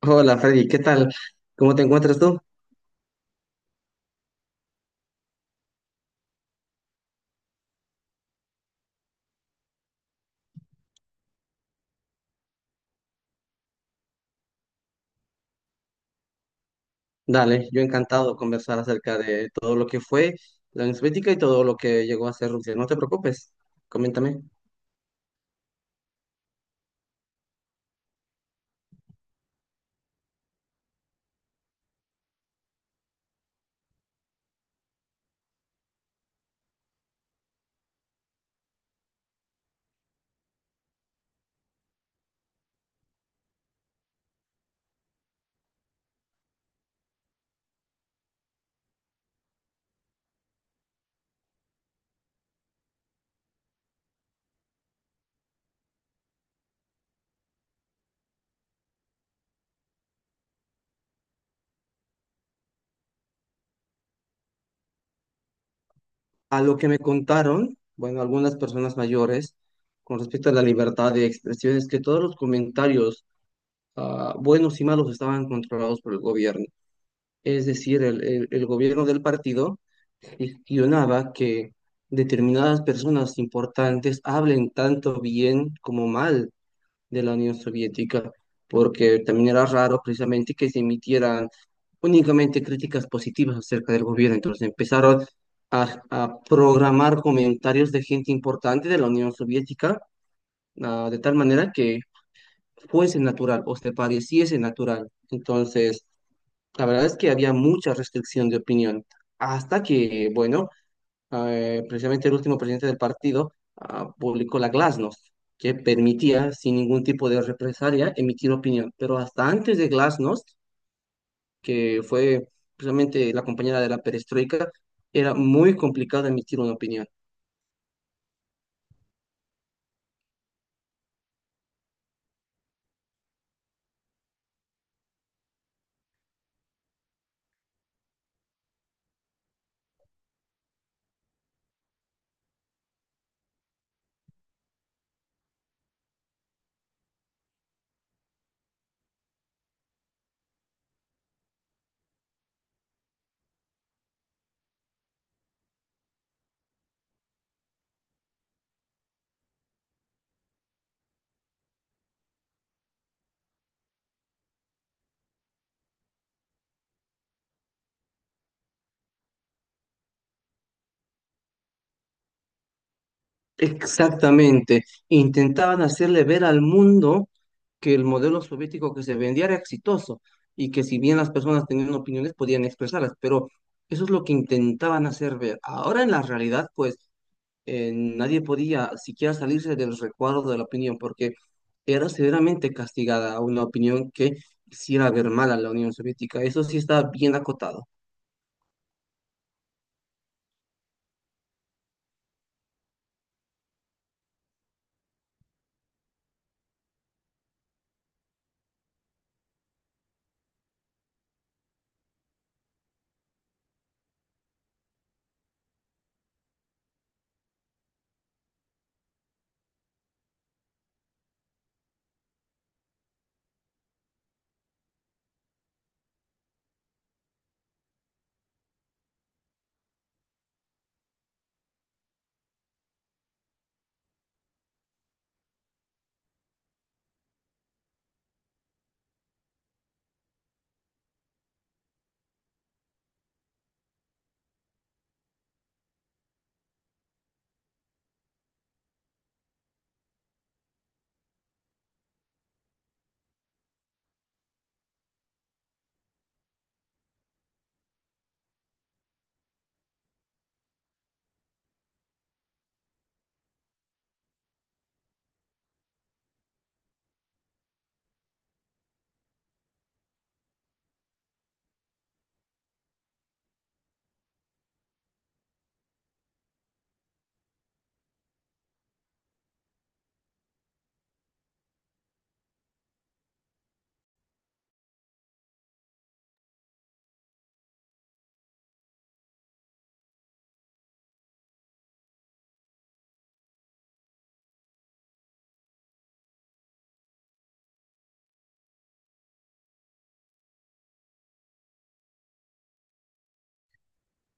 Hola Freddy, ¿qué tal? ¿Cómo te encuentras tú? Dale, yo encantado de conversar acerca de todo lo que fue la Unión Soviética y todo lo que llegó a ser Rusia. No te preocupes, coméntame. A lo que me contaron, bueno, algunas personas mayores, con respecto a la libertad de expresión, es que todos los comentarios, buenos y malos, estaban controlados por el gobierno. Es decir, el gobierno del partido gestionaba que determinadas personas importantes hablen tanto bien como mal de la Unión Soviética, porque también era raro precisamente que se emitieran únicamente críticas positivas acerca del gobierno. Entonces empezaron a programar comentarios de gente importante de la Unión Soviética, de tal manera que fuese natural o se pareciese natural. Entonces, la verdad es que había mucha restricción de opinión, hasta que, bueno, precisamente el último presidente del partido, publicó la Glasnost, que permitía, sin ningún tipo de represalia, emitir opinión. Pero hasta antes de Glasnost, que fue precisamente la compañera de la perestroika, era muy complicado emitir una opinión. Exactamente. Intentaban hacerle ver al mundo que el modelo soviético que se vendía era exitoso y que si bien las personas tenían opiniones podían expresarlas, pero eso es lo que intentaban hacer ver. Ahora en la realidad, pues nadie podía siquiera salirse del recuadro de la opinión, porque era severamente castigada una opinión que hiciera ver mal a la Unión Soviética. Eso sí está bien acotado.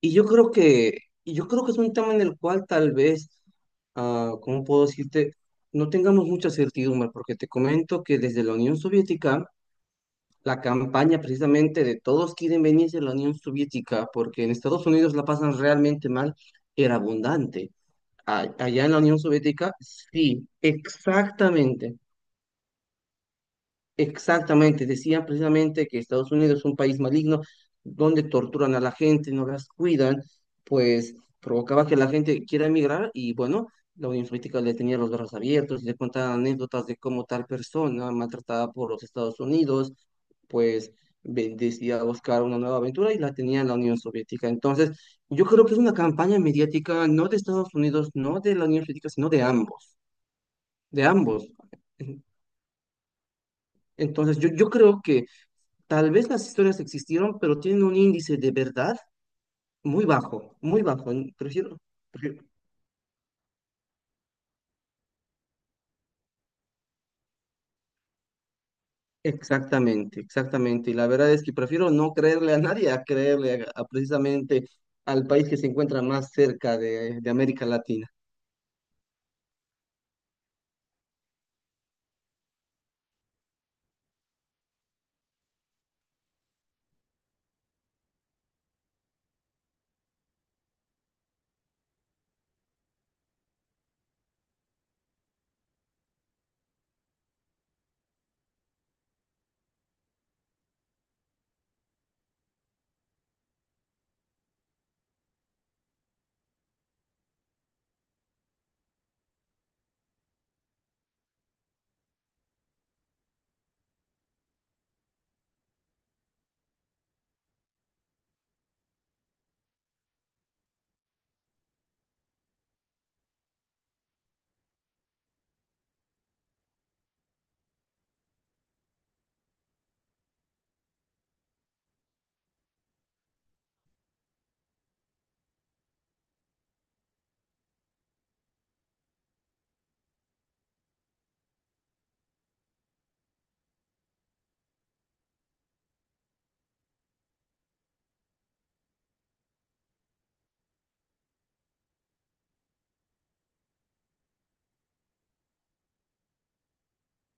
Y yo creo que, y yo creo que es un tema en el cual tal vez, ¿cómo puedo decirte? No tengamos mucha certidumbre, porque te comento que desde la Unión Soviética, la campaña precisamente de todos quieren venirse a la Unión Soviética, porque en Estados Unidos la pasan realmente mal, era abundante. Allá en la Unión Soviética, sí, exactamente. Exactamente, decían precisamente que Estados Unidos es un país maligno donde torturan a la gente, no las cuidan, pues provocaba que la gente quiera emigrar y bueno, la Unión Soviética le tenía los brazos abiertos y le contaban anécdotas de cómo tal persona maltratada por los Estados Unidos, pues decía buscar una nueva aventura y la tenía en la Unión Soviética. Entonces, yo creo que es una campaña mediática no de Estados Unidos, no de la Unión Soviética, sino de ambos, de ambos. Entonces, yo creo que tal vez las historias existieron, pero tienen un índice de verdad muy bajo, muy bajo. Prefiero- Exactamente, exactamente. Y la verdad es que prefiero no creerle a nadie a creerle a precisamente al país que se encuentra más cerca de América Latina.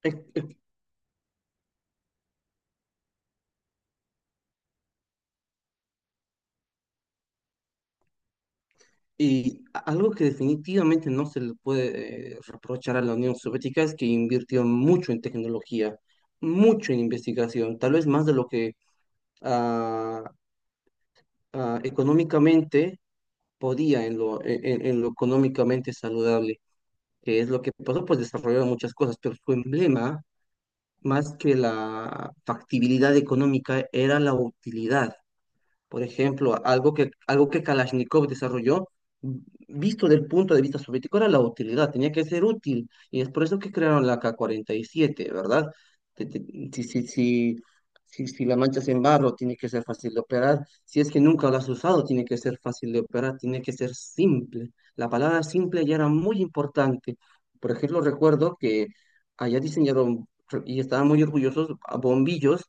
Ec- ec- Y algo que definitivamente no se le puede reprochar a la Unión Soviética es que invirtió mucho en tecnología, mucho en investigación, tal vez más de lo que ah, económicamente podía en lo, en lo económicamente saludable, que es lo que pasó, pues desarrollaron muchas cosas, pero su emblema, más que la factibilidad económica, era la utilidad. Por ejemplo, algo que Kalashnikov desarrolló, visto del punto de vista soviético, era la utilidad, tenía que ser útil. Y es por eso que crearon la K-47, ¿verdad? Te- te- Si, si, si, si. Si la manchas en barro, tiene que ser fácil de operar. Si es que nunca la has usado, tiene que ser fácil de operar, tiene que ser simple. La palabra simple ya era muy importante. Por ejemplo, recuerdo que allá diseñaron y estaban muy orgullosos a bombillos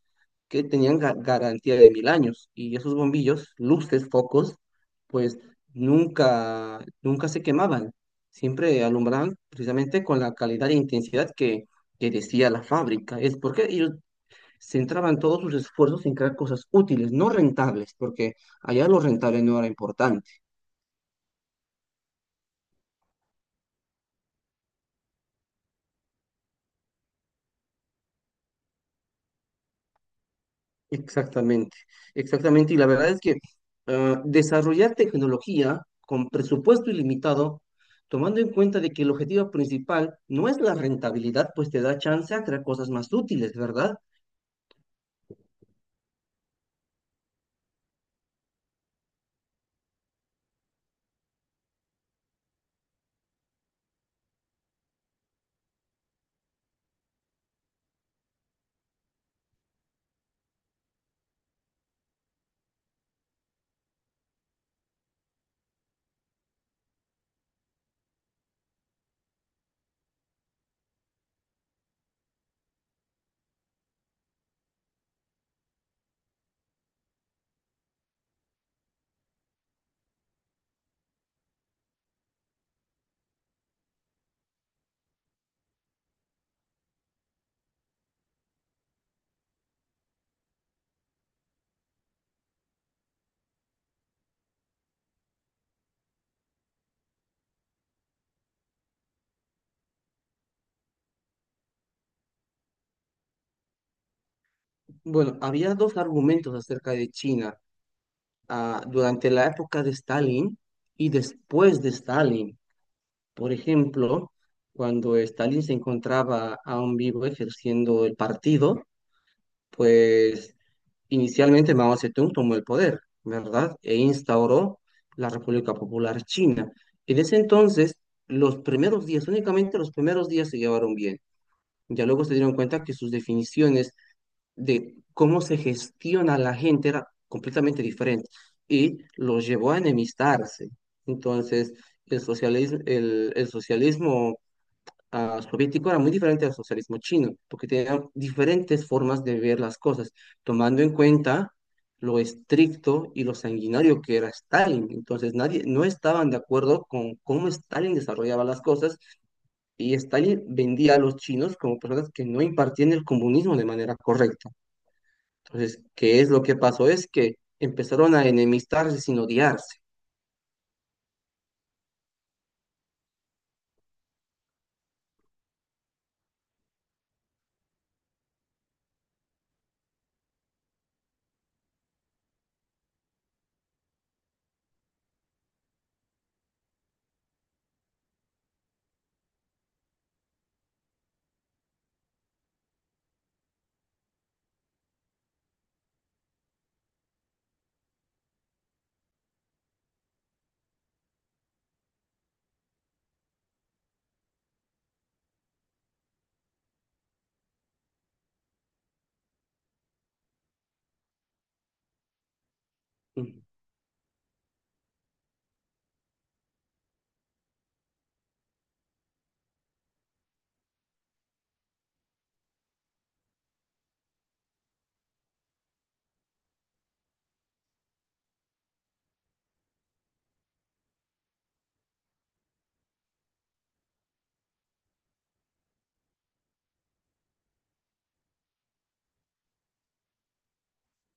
que tenían garantía de 1.000 años y esos bombillos, luces, focos, pues nunca, nunca se quemaban, siempre alumbraban precisamente con la calidad e intensidad que decía la fábrica. Es porque ellos centraban todos sus esfuerzos en crear cosas útiles, no rentables, porque allá lo rentable no era importante. Exactamente, exactamente. Y la verdad es que desarrollar tecnología con presupuesto ilimitado, tomando en cuenta de que el objetivo principal no es la rentabilidad, pues te da chance a crear cosas más útiles, ¿verdad? Bueno, había dos argumentos acerca de China durante la época de Stalin y después de Stalin. Por ejemplo, cuando Stalin se encontraba aún vivo ejerciendo el partido, pues inicialmente Mao Zedong tomó el poder, ¿verdad? E instauró la República Popular China. En ese entonces, los primeros días, únicamente los primeros días se llevaron bien. Ya luego se dieron cuenta que sus definiciones de cómo se gestiona la gente era completamente diferente y los llevó a enemistarse. Entonces, el socialismo, el socialismo soviético era muy diferente al socialismo chino, porque tenían diferentes formas de ver las cosas, tomando en cuenta lo estricto y lo sanguinario que era Stalin. Entonces, nadie, no estaban de acuerdo con cómo Stalin desarrollaba las cosas y Stalin vendía a los chinos como personas que no impartían el comunismo de manera correcta. Entonces, ¿qué es lo que pasó? Es que empezaron a enemistarse sin odiarse.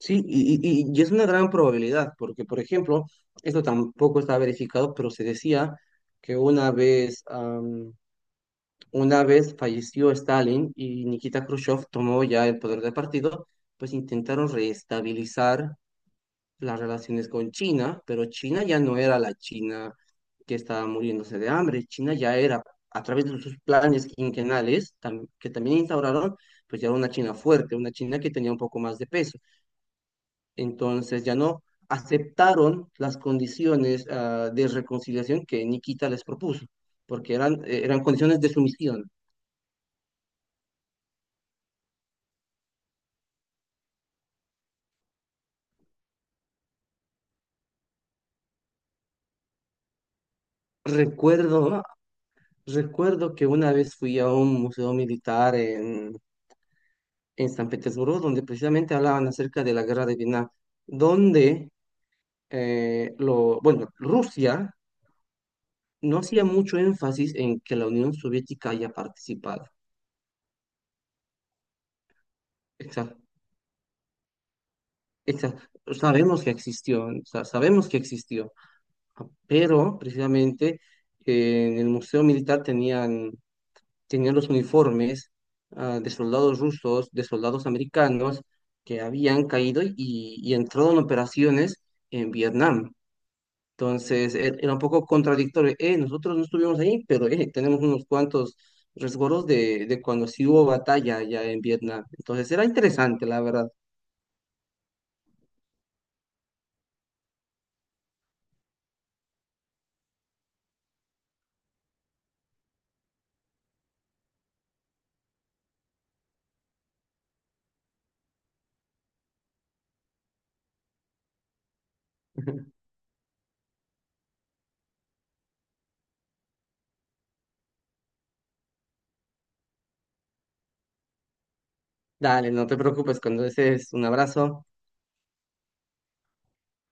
Sí, y es una gran probabilidad, porque, por ejemplo, esto tampoco está verificado, pero se decía que una vez falleció Stalin y Nikita Khrushchev tomó ya el poder del partido, pues intentaron reestabilizar las relaciones con China, pero China ya no era la China que estaba muriéndose de hambre, China ya era, a través de sus planes quinquenales, que también instauraron, pues ya era una China fuerte, una China que tenía un poco más de peso. Entonces ya no aceptaron las condiciones de reconciliación que Nikita les propuso, porque eran condiciones de sumisión. Recuerdo, recuerdo que una vez fui a un museo militar en, San Petersburgo, donde precisamente hablaban acerca de la guerra de Vietnam, donde bueno, Rusia no hacía mucho énfasis en que la Unión Soviética haya participado. Exacto. Exa- Sabemos que existió, sabemos que existió, pero precisamente en el Museo Militar tenían los uniformes de soldados rusos, de soldados americanos que habían caído y entrado en operaciones en Vietnam. Entonces era un poco contradictorio. Nosotros no estuvimos ahí, pero tenemos unos cuantos resguardos de cuando sí hubo batalla allá en Vietnam. Entonces era interesante, la verdad. Dale, no te preocupes, cuando desees, un abrazo.